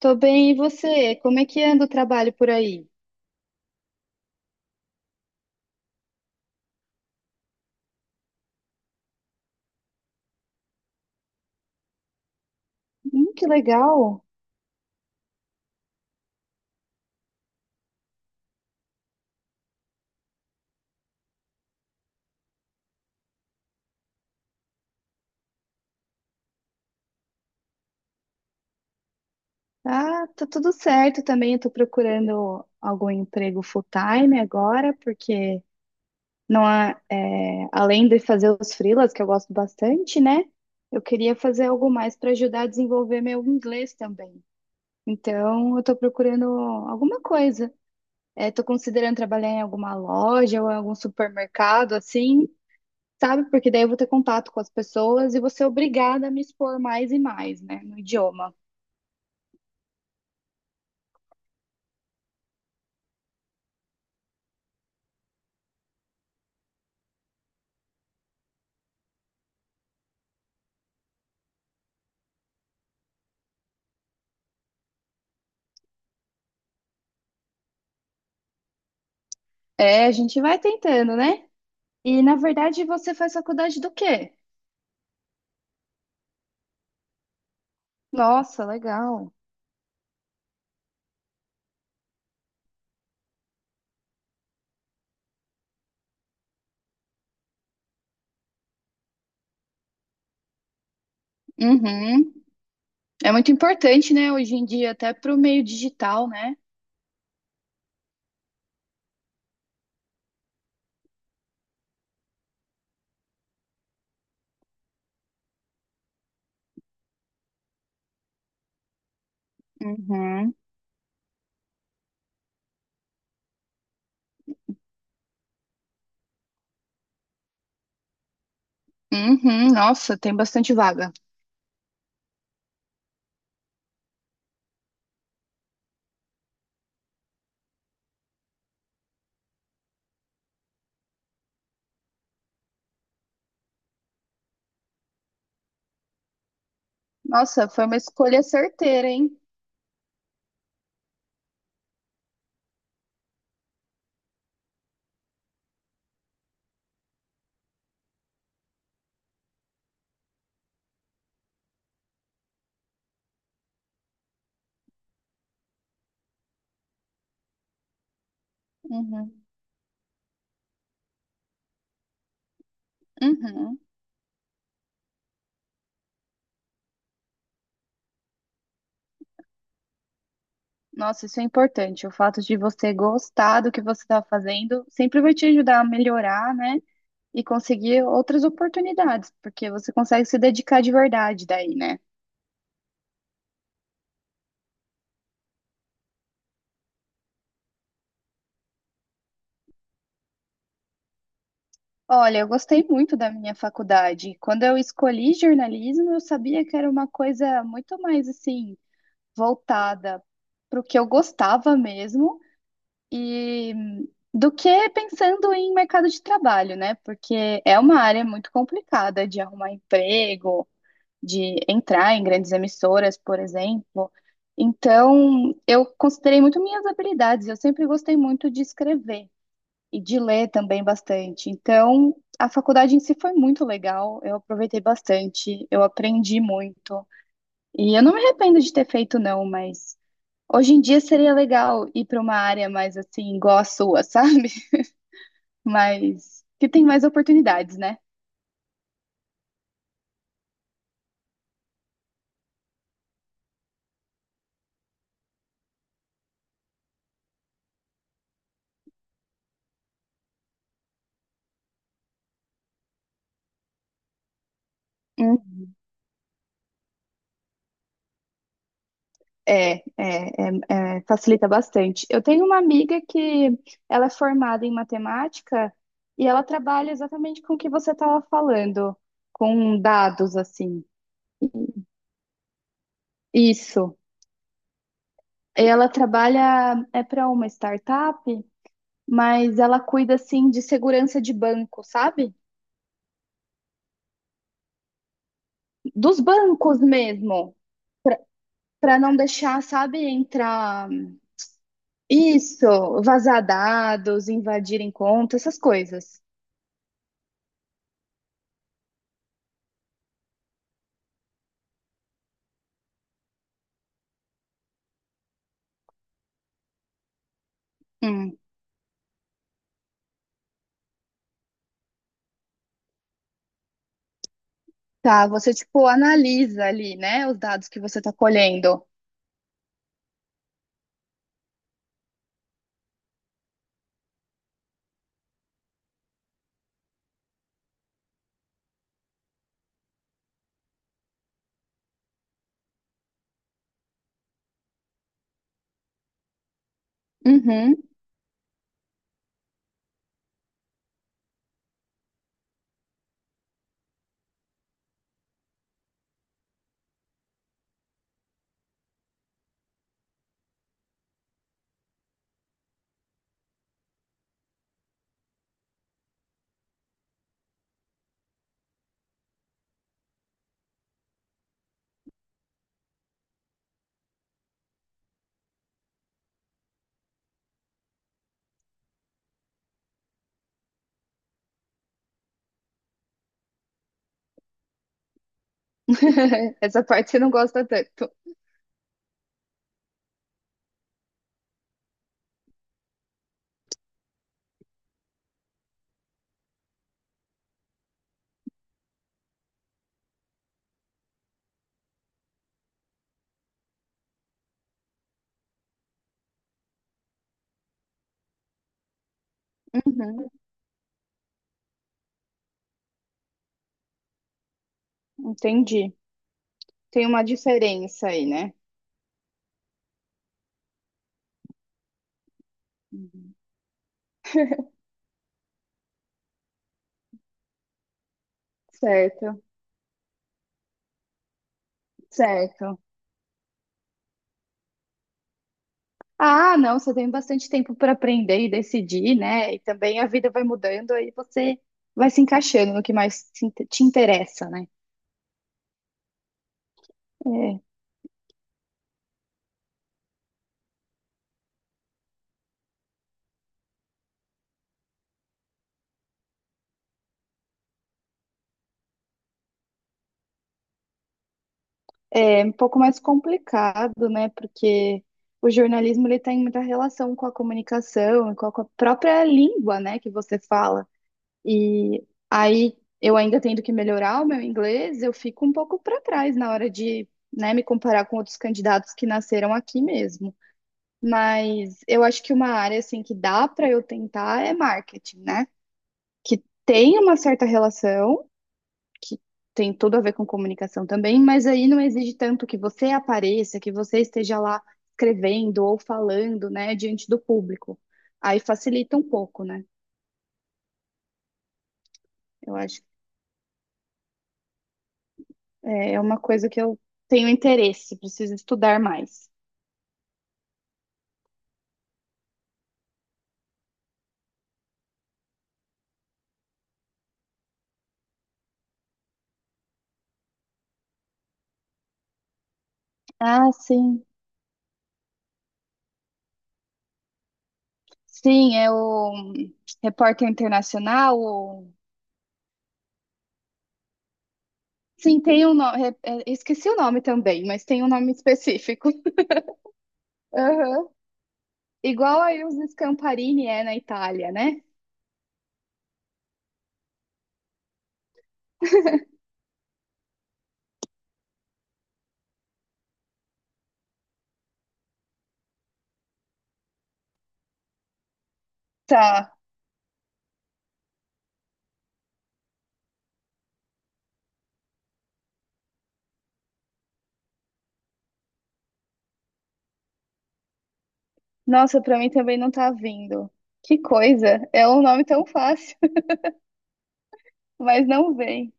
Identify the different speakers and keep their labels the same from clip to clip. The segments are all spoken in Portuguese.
Speaker 1: Tô bem, e você? Como é que anda o trabalho por aí? Que legal! Ah, tá tudo certo também. Eu tô procurando algum emprego full-time agora, porque não há, além de fazer os freelas, que eu gosto bastante, né? Eu queria fazer algo mais para ajudar a desenvolver meu inglês também. Então, eu tô procurando alguma coisa. Tô considerando trabalhar em alguma loja ou em algum supermercado, assim, sabe? Porque daí eu vou ter contato com as pessoas e vou ser obrigada a me expor mais e mais, né, no idioma. É, a gente vai tentando, né? E na verdade você faz faculdade do quê? Nossa, legal. Uhum. É muito importante, né, hoje em dia, até para o meio digital, né? Uhum. Uhum. Nossa, tem bastante vaga. Nossa, foi uma escolha certeira, hein? Uhum. Uhum. Nossa, isso é importante. O fato de você gostar do que você está fazendo sempre vai te ajudar a melhorar, né? E conseguir outras oportunidades, porque você consegue se dedicar de verdade daí, né? Olha, eu gostei muito da minha faculdade. Quando eu escolhi jornalismo, eu sabia que era uma coisa muito mais assim, voltada para o que eu gostava mesmo e do que pensando em mercado de trabalho, né? Porque é uma área muito complicada de arrumar emprego, de entrar em grandes emissoras, por exemplo. Então, eu considerei muito minhas habilidades. Eu sempre gostei muito de escrever e de ler também bastante. Então, a faculdade em si foi muito legal. Eu aproveitei bastante, eu aprendi muito. E eu não me arrependo de ter feito, não, mas hoje em dia seria legal ir para uma área mais assim, igual a sua, sabe? Mas que tem mais oportunidades, né? É, facilita bastante. Eu tenho uma amiga que ela é formada em matemática e ela trabalha exatamente com o que você estava falando, com dados, assim. Isso. Ela trabalha é para uma startup, mas ela cuida assim de segurança de banco, sabe? Dos bancos mesmo, para não deixar, sabe, entrar isso, vazar dados, invadirem contas, essas coisas. Hum. Tá, você tipo analisa ali, né, os dados que você tá colhendo. Uhum. Essa parte você não gosta tanto. Uhum. Entendi. Tem uma diferença aí, né? Uhum. Certo, certo. Ah, não, você tem bastante tempo para aprender e decidir, né? E também a vida vai mudando, aí você vai se encaixando no que mais te interessa, né? É um pouco mais complicado, né? Porque o jornalismo ele tem muita relação com a comunicação e com a própria língua, né, que você fala. E aí eu ainda tendo que melhorar o meu inglês, eu fico um pouco para trás na hora de, né, me comparar com outros candidatos que nasceram aqui mesmo. Mas eu acho que uma área assim que dá para eu tentar é marketing, né? Que tem uma certa relação que tem tudo a ver com comunicação também, mas aí não exige tanto que você apareça, que você esteja lá escrevendo ou falando, né, diante do público. Aí facilita um pouco, né? Eu acho que é uma coisa que eu tenho interesse, preciso estudar mais. Ah, sim. Sim, é o repórter internacional. Sim, tem um nome. Esqueci o nome também, mas tem um nome específico. Aham. Igual aí os Scamparini é na Itália, né? Tá. Nossa, pra mim também não tá vindo. Que coisa! É um nome tão fácil, mas não vem.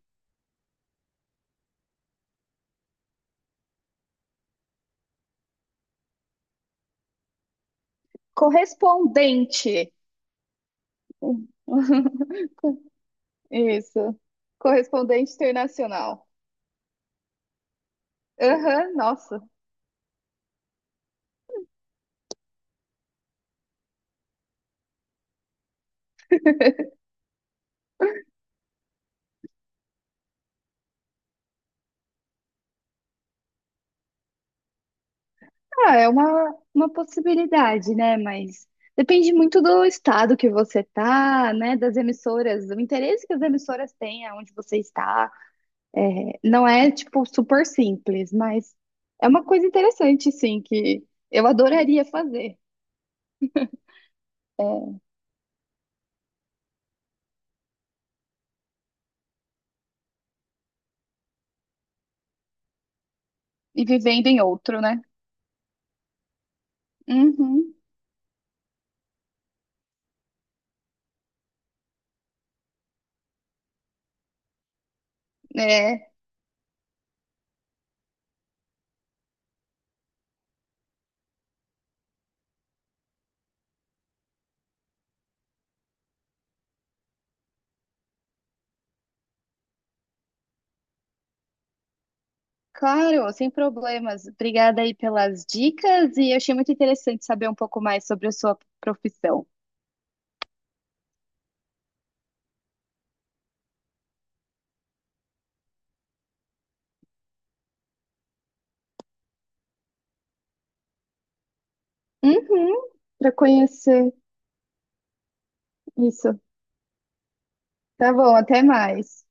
Speaker 1: Correspondente. Isso. Correspondente internacional. Aham, nossa. Ah, é uma possibilidade, né? Mas depende muito do estado que você tá, né? Das emissoras, do interesse que as emissoras têm aonde você está. Não é, tipo, super simples, mas é uma coisa interessante, sim, que eu adoraria fazer. É, e vivendo em outro, né? Uhum. É, claro, sem problemas. Obrigada aí pelas dicas e eu achei muito interessante saber um pouco mais sobre a sua profissão. Uhum, para conhecer isso. Tá bom, até mais.